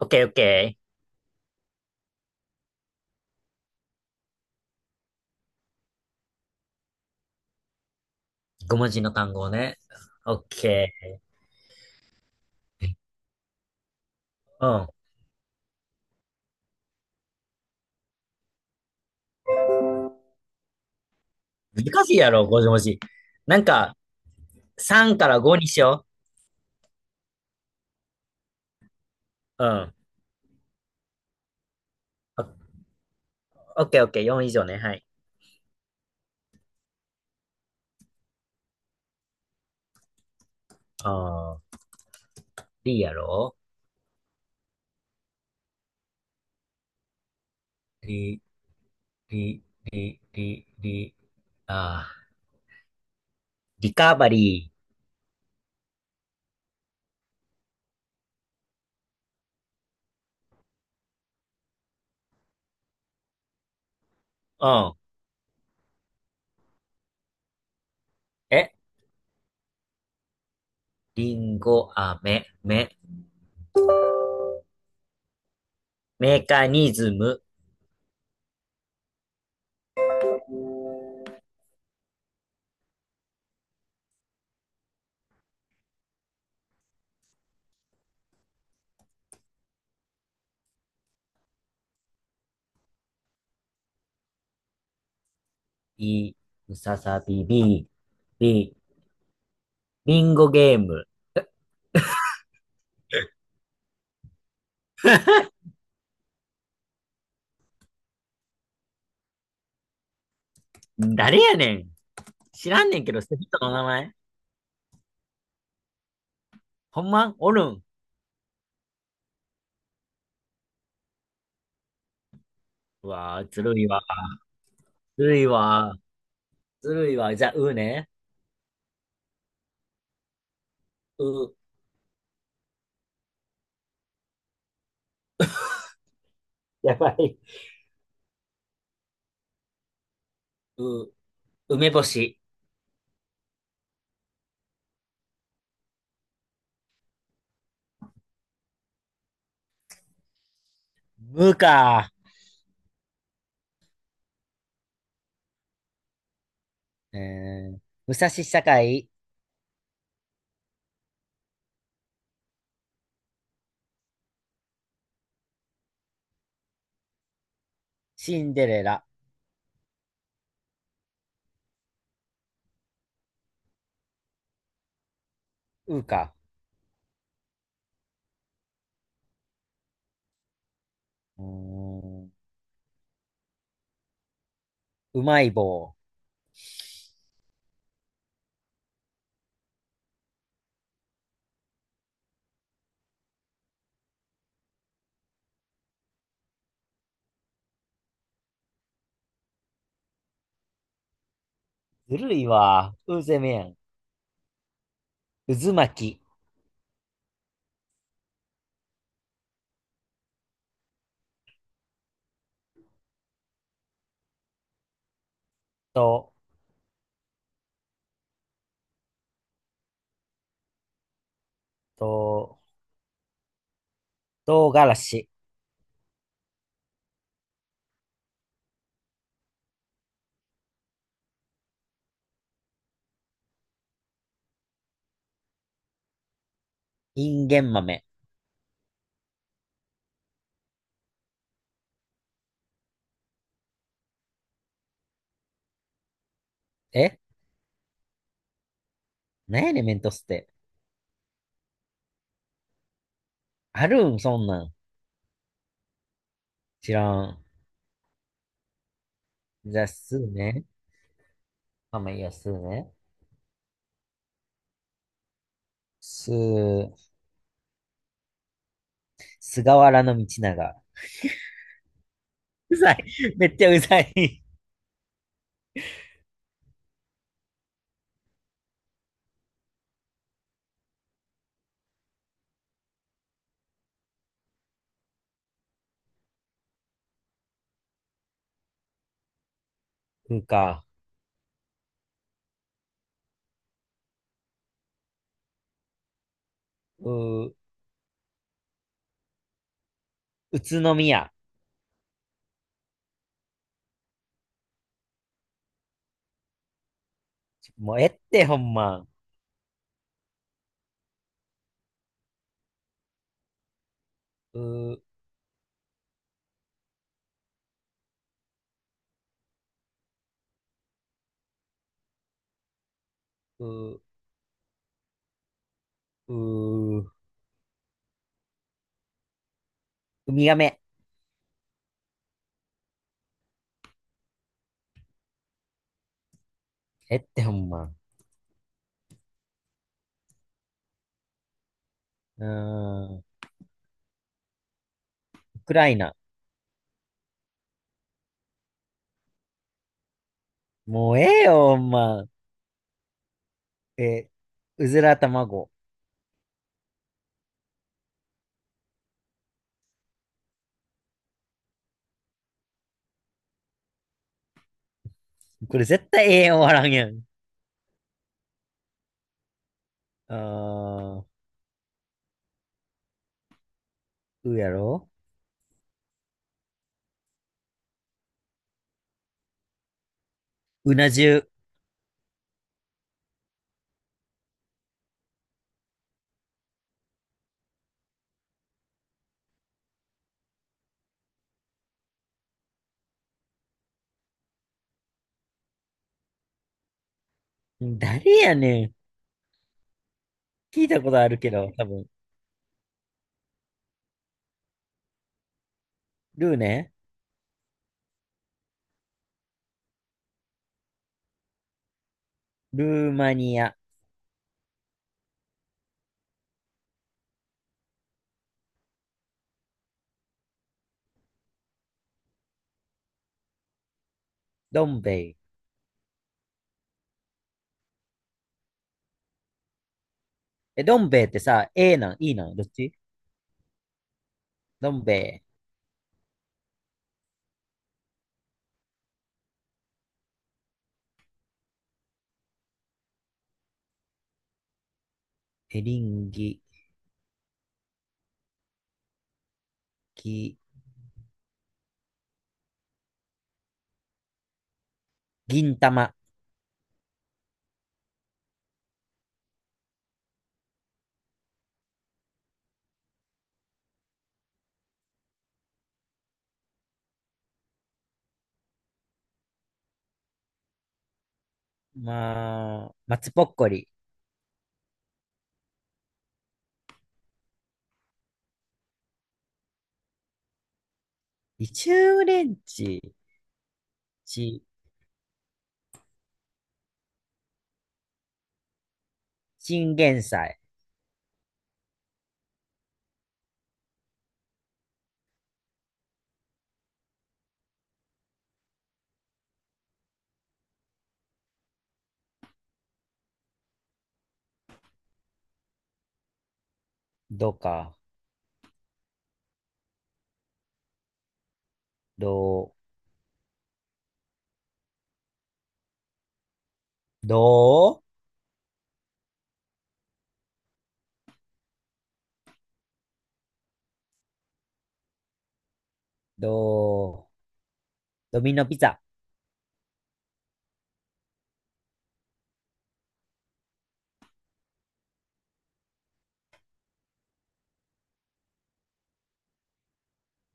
オッケーオッケー。5文字の単語ね。オッケー。うん。難しいやろ、5文字。なんか、3から5にしよう。うん。オッケーオッケー、4以上ね。はい。あー、リやろ、リ、リ、リ、リ、リ、あー、リカバリー。うん。え、リンゴ、あ、め、め、メカニズム、い、ムササビ、ビ、リンゴゲーム。誰やねん。知らんねんけど、その人の名前。ほんまおるん。うわー、ずるいわ。ずるいわ。ずるいわ。じゃあ、うね。う、やばい。う、梅干し。むか。えー、武蔵境、シンデレラ、うか。うーん、うまい棒。ずるいわ。うぜめやん。渦巻き。と、と、唐辛子。インゲン豆。え、なんやねん、メントスって。あるん、そんなん。知らん。じゃあ、すーね。まあまあいいや、すーね。すー、菅原道長。うざい。めっちゃうざい。うんか。うー、宇都宮。もうえってほんま。うー、うー、うー、ウミガメ。えってほんま。うーん、ウクライナ。もうええよ、ほんま。えー、うずら卵。これ絶対ええ終わらんやん。あー、うやろ、うな重。誰やねん。聞いたことあるけど、多分。ルーね。ルーマニア。どん兵衛。え、どん兵衛ってさ、A なん、E なん、どっち。どん兵衛、エリンギ、ぎ、銀玉、まあ、松ぼっこり、リチュウレンチ、ち、チンゲンサイ、どうか、どう、どう、どう、ドミノピザ、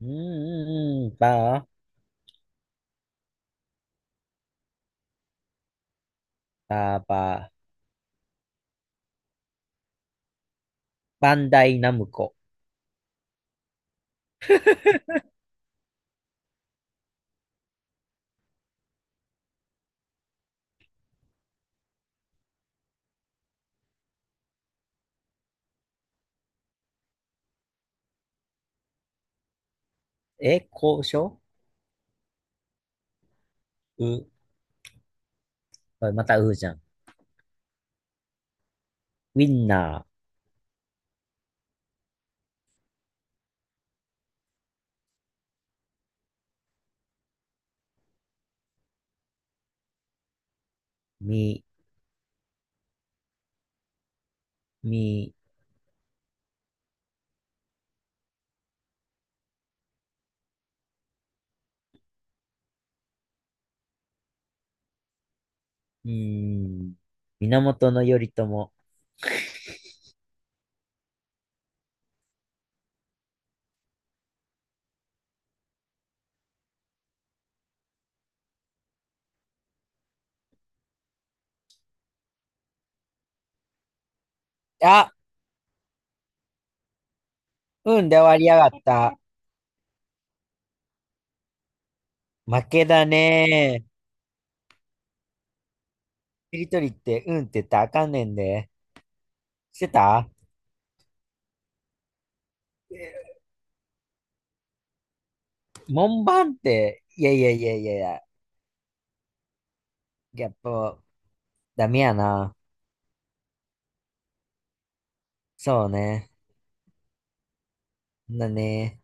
うんうんうん、ばー、ばーばー、バンダイナムコ、え、交渉、う、あまたうじゃん。ウィンナー、み、うーん、源頼朝。あ、うんで終わりやがった。負けだね。しりとりって、うんって言ったらあかんねんで。してた門番って、いやいやいやいやいや、やっぱダメやな。そうね。だね。